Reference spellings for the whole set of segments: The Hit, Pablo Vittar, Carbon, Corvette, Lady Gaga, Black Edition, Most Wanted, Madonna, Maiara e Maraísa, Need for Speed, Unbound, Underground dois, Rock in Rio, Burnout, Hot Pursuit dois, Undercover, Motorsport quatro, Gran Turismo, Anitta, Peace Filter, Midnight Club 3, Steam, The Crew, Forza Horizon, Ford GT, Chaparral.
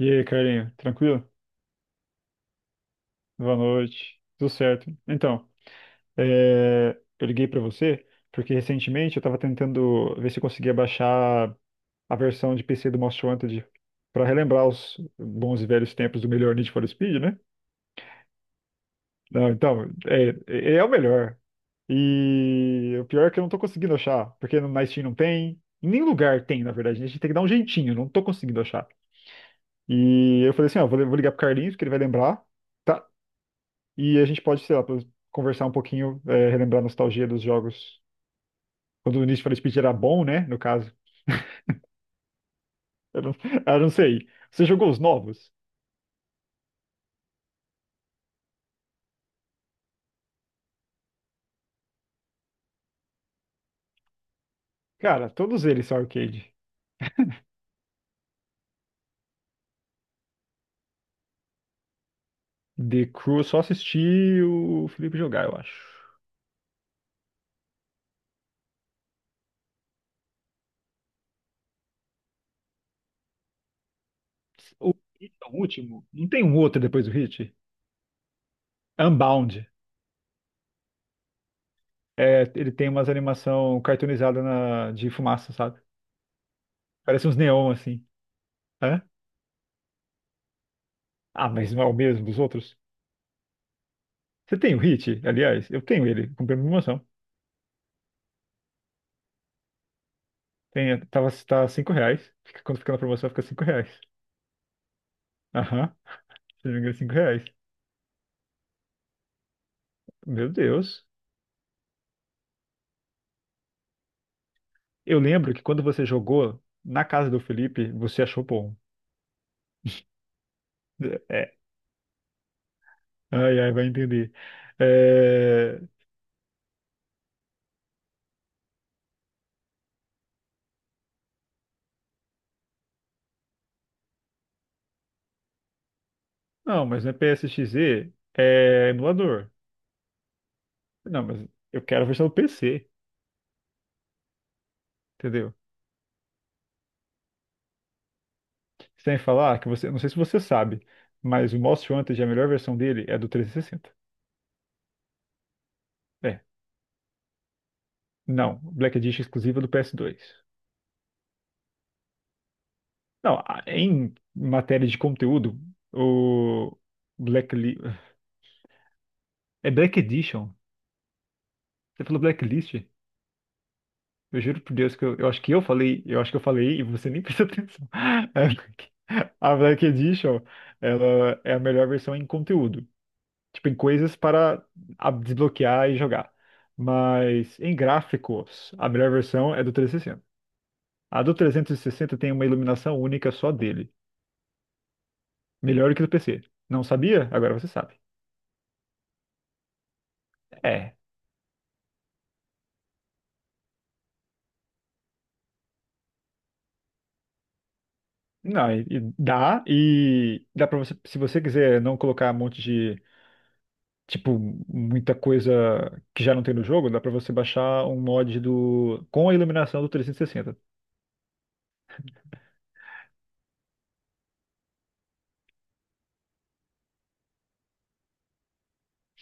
E aí, Carlinho, tranquilo? Boa noite, tudo certo? Então, eu liguei pra você porque recentemente eu tava tentando ver se eu conseguia baixar a versão de PC do Most Wanted pra relembrar os bons e velhos tempos do melhor Need for Speed, né? Não, então, é o melhor. E o pior é que eu não tô conseguindo achar, porque na Steam não tem, em nenhum lugar tem, na verdade, né? A gente tem que dar um jeitinho, não tô conseguindo achar. E eu falei assim, ó, vou ligar pro Carlinhos, que ele vai lembrar. Tá. E a gente pode, sei lá, conversar um pouquinho, relembrar a nostalgia dos jogos. Quando o Need for Speed era bom, né? No caso. Eu não, eu não sei. Você jogou os novos? Cara, todos eles são arcade. The Crew, eu só assisti o Felipe jogar, eu acho. O Hit é o último. Não tem um outro depois do Hit? Unbound. É, ele tem umas animação cartoonizada de fumaça, sabe? Parece uns neon, assim. Hã? Ah, mas não é o mesmo dos outros? Você tem o Hit? Aliás, eu tenho ele, comprei uma promoção. Tem, tá R$ 5. Quando fica na promoção, fica R$ 5. Aham, se não me engano, R$ 5. Meu Deus. Eu lembro que quando você jogou na casa do Felipe, você achou bom. É. Ai, ai, vai entender. É, Não, mas não é PSXZ, é emulador. Não, mas eu quero a versão do PC, entendeu? Sem falar que você, não sei se você sabe, mas o Most Wanted, a melhor versão dele é do 360. É. Não, Black Edition exclusiva do PS2. Não, em matéria de conteúdo, o Blackli... É Black Edition. Você falou Blacklist? Eu juro por Deus que eu acho que eu falei, eu acho que eu falei e você nem prestou atenção. É Black- A Black Edition, ela é a melhor versão em conteúdo, tipo em coisas para desbloquear e jogar. Mas em gráficos, a melhor versão é do 360. A do 360 tem uma iluminação única só dele, melhor que do PC. Não sabia? Agora você sabe. É. Não, e dá pra você, se você quiser não colocar um monte de, tipo, muita coisa que já não tem no jogo, dá pra você baixar um mod do, com a iluminação do 360.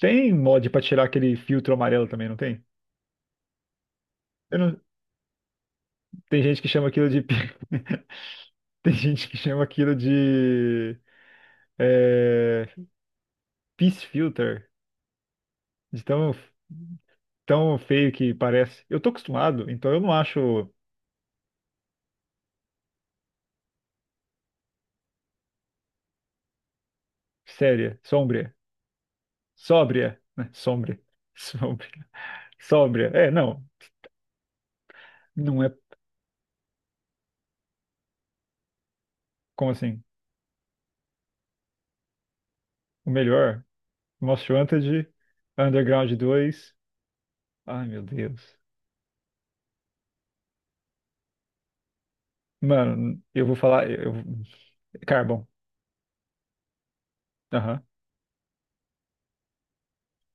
Tem mod pra tirar aquele filtro amarelo também, não tem? Eu não- tem gente que chama aquilo de, tem gente que chama aquilo de, é, Peace Filter, de tão, tão feio que parece. Eu tô acostumado, então eu não acho. Séria, sombria, sóbria, né, sombria. Sombria. Sóbria. É, não. Não é como assim? O melhor. Most Wanted, Underground 2. Ai, meu Deus. Mano, eu vou falar. Eu... Carbon. Aham.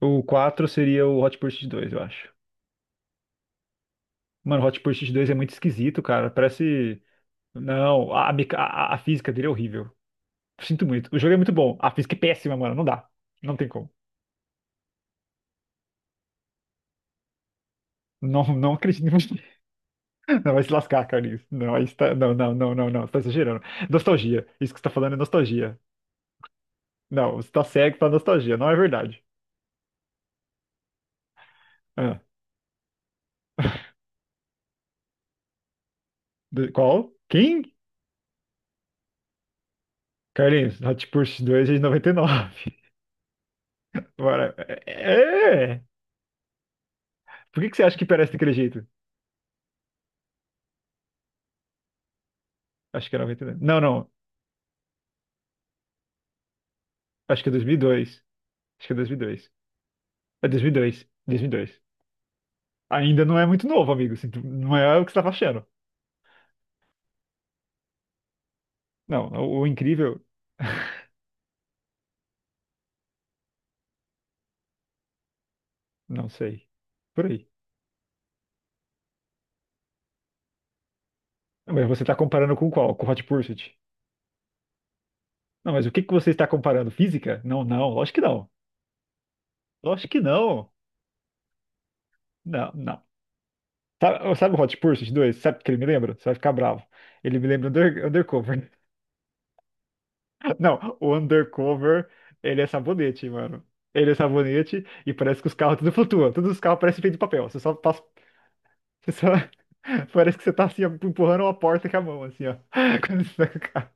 O quatro seria o Hot Pursuit 2, eu acho. Mano, Hot Pursuit 2 é muito esquisito, cara. Parece. Não, a física dele é horrível. Sinto muito. O jogo é muito bom. A física é péssima, mano. Não dá. Não tem como. Não, não acredito em você. Não, vai se lascar, Carlinhos. Não, aí está... não, não, não, não, não. Você tá exagerando. Nostalgia. Isso que você tá falando é nostalgia. Não, você tá cego pra nostalgia, não é verdade. Ah, qual? Quem? Carlinhos, Hot Pursuit 2 é de 99. Bora. É! É. Por que que você acha que parece daquele jeito? Acho que é 99. Não, não. Acho que é dois mil e dois. Acho que é 2002. É dois mil e dois. 2002. Ainda não é muito novo, amigo, não é o que você tava achando. Não, o incrível... Não sei. Por aí. Mas você tá comparando com qual? Com Hot Pursuit? Não, mas o que que você está comparando? Física? Não, não. Lógico que não. Lógico que não. Não, não. Sabe, sabe o Hot Pursuit 2, sabe o que ele me lembra? Você vai ficar bravo. Ele me lembra Undercover. Não, o Undercover, ele é sabonete, mano. Ele é sabonete e parece que os carros tudo flutuam. Todos os carros parecem feitos de papel. Você só passa. Você só... parece que você tá assim, ó, empurrando uma porta com a mão, assim, ó. Quando você tá com o carro.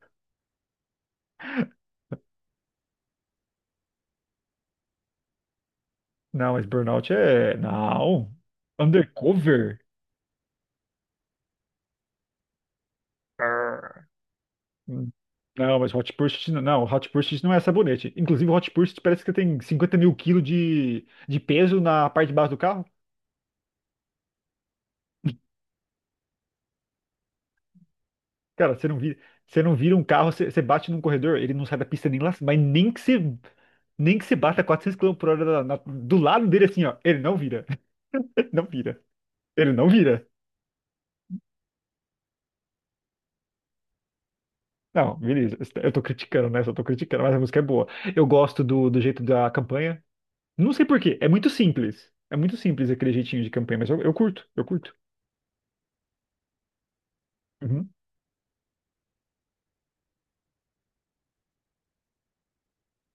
Não, mas Burnout é. Não. Undercover? Hum. Não, mas Hot Pursuit não, não, Hot Pursuit não é sabonete. Inclusive, Hot Pursuit parece que tem 50 mil quilos de peso na parte de baixo do carro. Cara, você não vira um carro, você, você bate num corredor, ele não sai da pista nem lá, mas nem que você, nem que você bata 400 km/h do lado dele assim, ó, ele não vira, não vira, ele não vira. Não, beleza, eu tô criticando, né? Só tô criticando, mas a música é boa. Eu gosto do jeito da campanha. Não sei por quê, é muito simples. É muito simples aquele jeitinho de campanha, mas eu curto, eu curto. Uhum.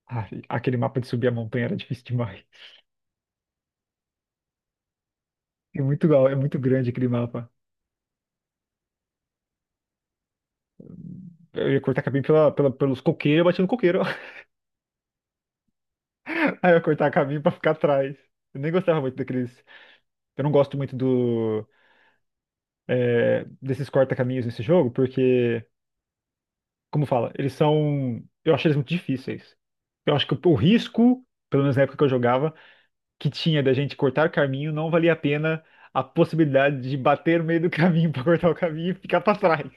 Ai, aquele mapa de subir a montanha era difícil demais. É muito é muito grande aquele mapa. Eu ia cortar caminho pela, pelos coqueiros, eu batia no coqueiro. Aí eu ia cortar caminho pra ficar atrás. Eu nem gostava muito daqueles. Eu não gosto muito do desses corta-caminhos nesse jogo, porque, como fala, eles são. Eu acho eles muito difíceis. Eu acho que o risco, pelo menos na época que eu jogava, que tinha da gente cortar caminho, não valia a pena a possibilidade de bater no meio do caminho pra cortar o caminho e ficar pra trás.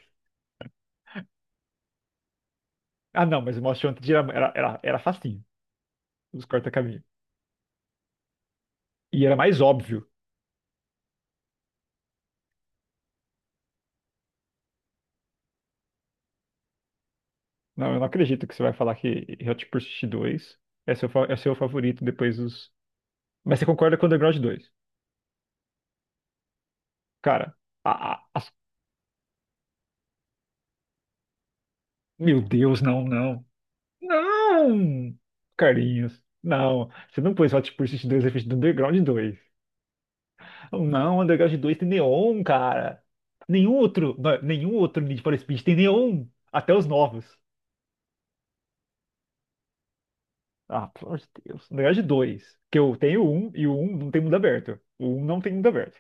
Ah, não, mas o Most Wanted era, facinho, os corta-caminho. E era mais óbvio. Não, eu não acredito que você vai falar que Hot Pursuit 2 é seu, é seu favorito depois dos. Mas você concorda com Underground 2? Cara, a, a- as- meu Deus, não, não. Não! Carlinhos, não. Você não pôs Hot Pursuit 2 na frente do Underground 2. Não, Underground 2 tem neon, cara. Nenhum outro, não, nenhum outro Need for Speed tem neon. Até os novos. Ah, pelo amor de Deus. Na verdade, dois. Porque eu tenho um e o um não tem mundo aberto. O um não tem mundo aberto.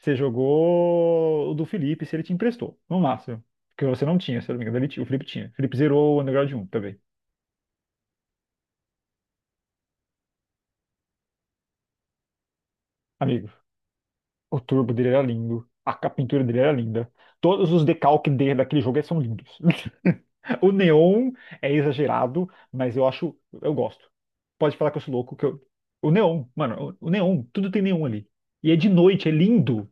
Você jogou o do Felipe se ele te emprestou, no máximo. Porque você não tinha, se eu não me engano. O Felipe tinha. O Felipe zerou o Underground um também. Amigo, o turbo dele era lindo. A pintura dele era linda. Todos os decalques dele daquele jogo são lindos. O neon é exagerado, mas eu acho. Eu gosto. Pode falar que eu sou louco, que eu. O neon, mano, o neon, tudo tem neon ali. E é de noite, é lindo,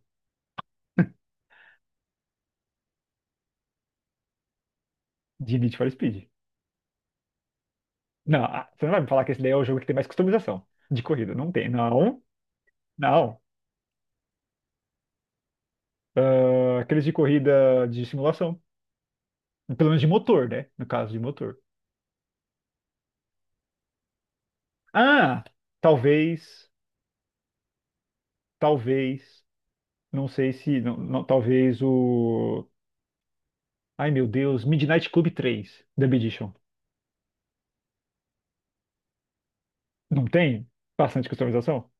de Need for Speed. Não, ah, você não vai me falar que esse daí é o jogo que tem mais customização de corrida. Não tem, não, não. Ah, aqueles de corrida de simulação. Pelo menos de motor, né? No caso de motor. Ah, talvez, talvez, não sei se, não, não, talvez o... Ai, meu Deus, Midnight Club 3, The Edition. Não tem bastante customização?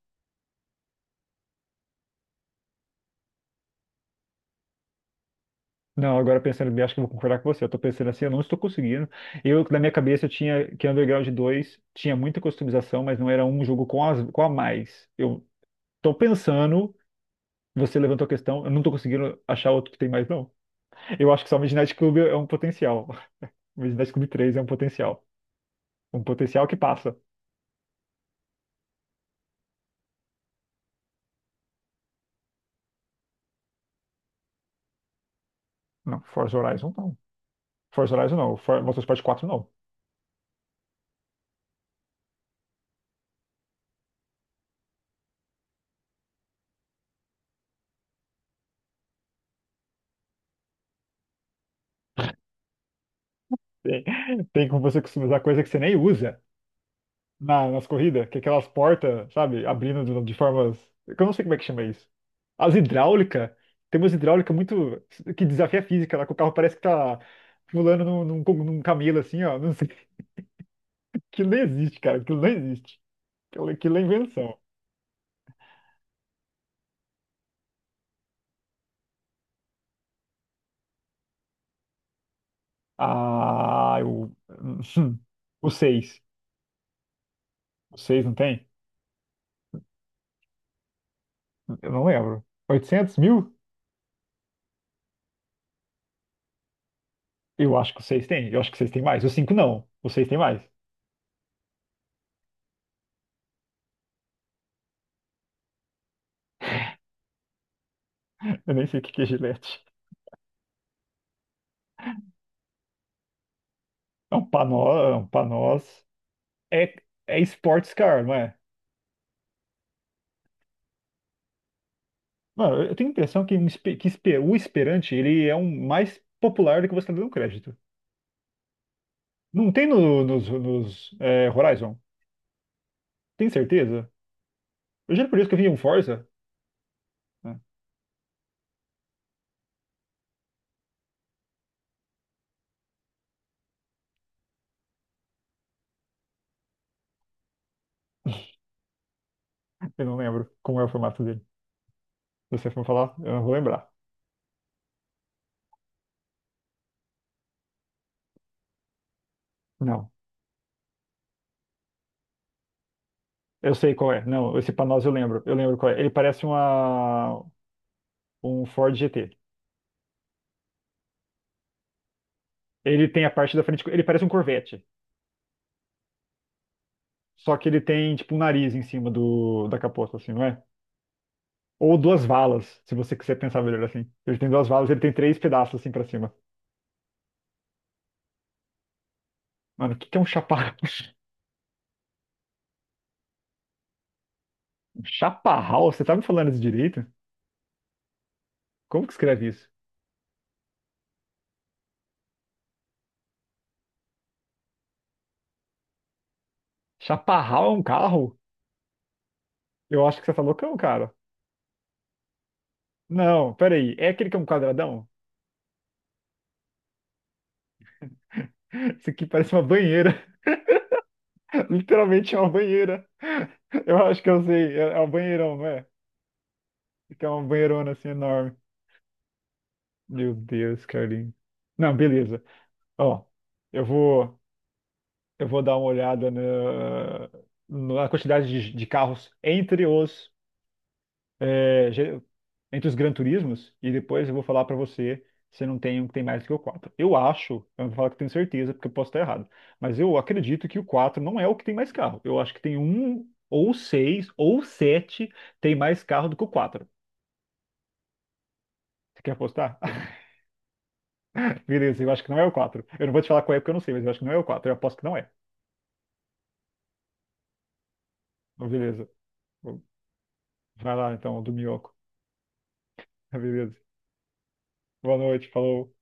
Não, agora pensando bem, acho que eu vou concordar com você. Eu tô pensando assim, eu não estou conseguindo. Eu, na minha cabeça, eu tinha que Underground 2, tinha muita customização, mas não era um jogo com, as, com a mais. Eu tô pensando, você levantou a questão, eu não tô conseguindo achar outro que tem mais, não. Eu acho que só o Midnight Club é um potencial. O Midnight Club 3 é um potencial. Um potencial que passa. Não, Forza Horizon não. Forza Horizon não. Motorsport 4 não. Tem, tem como você customizar coisa que você nem usa nas corridas, que é aquelas portas, sabe, abrindo de formas, que eu não sei como é que chama isso. As hidráulica, tem umas hidráulica muito, que desafia a física, lá que o carro parece que tá pulando num, num camelo assim, ó. Não sei. Aquilo não existe, cara. Aquilo não existe. Aquilo, aquilo é invenção. Ah, eu. O seis. O 6 não tem? Eu não lembro. 800 mil? Eu acho que o 6 tem. Eu acho que o seis tem mais. O 5 não. O 6 tem mais. Eu nem sei o que que é gilete. É um panó, é um panós. É, é sports car, não é? Mano, eu tenho a impressão que, o Esperante ele é um mais popular do que você está dando crédito. Não tem nos, Horizon? Tem certeza? Eu juro por isso que eu vi um Forza, né? Eu não lembro como é o formato dele. Se você for falar, eu não vou lembrar. Não. Eu sei qual é. Não, esse Panos eu lembro. Eu lembro qual é. Ele parece uma, um Ford GT. Ele tem a parte da frente. Ele parece um Corvette. Só que ele tem, tipo, um nariz em cima do, da capota, assim, não é? Ou duas valas, se você quiser pensar melhor assim. Ele tem duas valas, ele tem três pedaços assim pra cima. Mano, o que que é um chaparral? Um chaparral? Você tá me falando isso direito? Como que escreve isso? Chaparral é um carro? Eu acho que você tá loucão, cara. Não, peraí. É aquele que é um quadradão? Isso aqui parece uma banheira. Literalmente é uma banheira. Eu acho que eu sei. É um banheirão, não é? Que é uma banheirona assim enorme. Meu Deus, Carlinhos. Não, beleza. Ó, eu vou. Eu vou dar uma olhada na, na quantidade de carros entre os é, ge- entre os Gran Turismos e depois eu vou falar para você se não tem um que tem mais que o 4. Eu acho, eu não vou falar que tenho certeza porque eu posso estar errado, mas eu acredito que o 4 não é o que tem mais carro. Eu acho que tem um ou seis ou sete, tem mais carro do que o 4. Você quer apostar? Beleza, eu acho que não é o 4. Eu não vou te falar qual é porque eu não sei, mas eu acho que não é o 4. Eu aposto que não é. Beleza. Vai lá então, do Miyoko. Beleza. Boa noite, falou.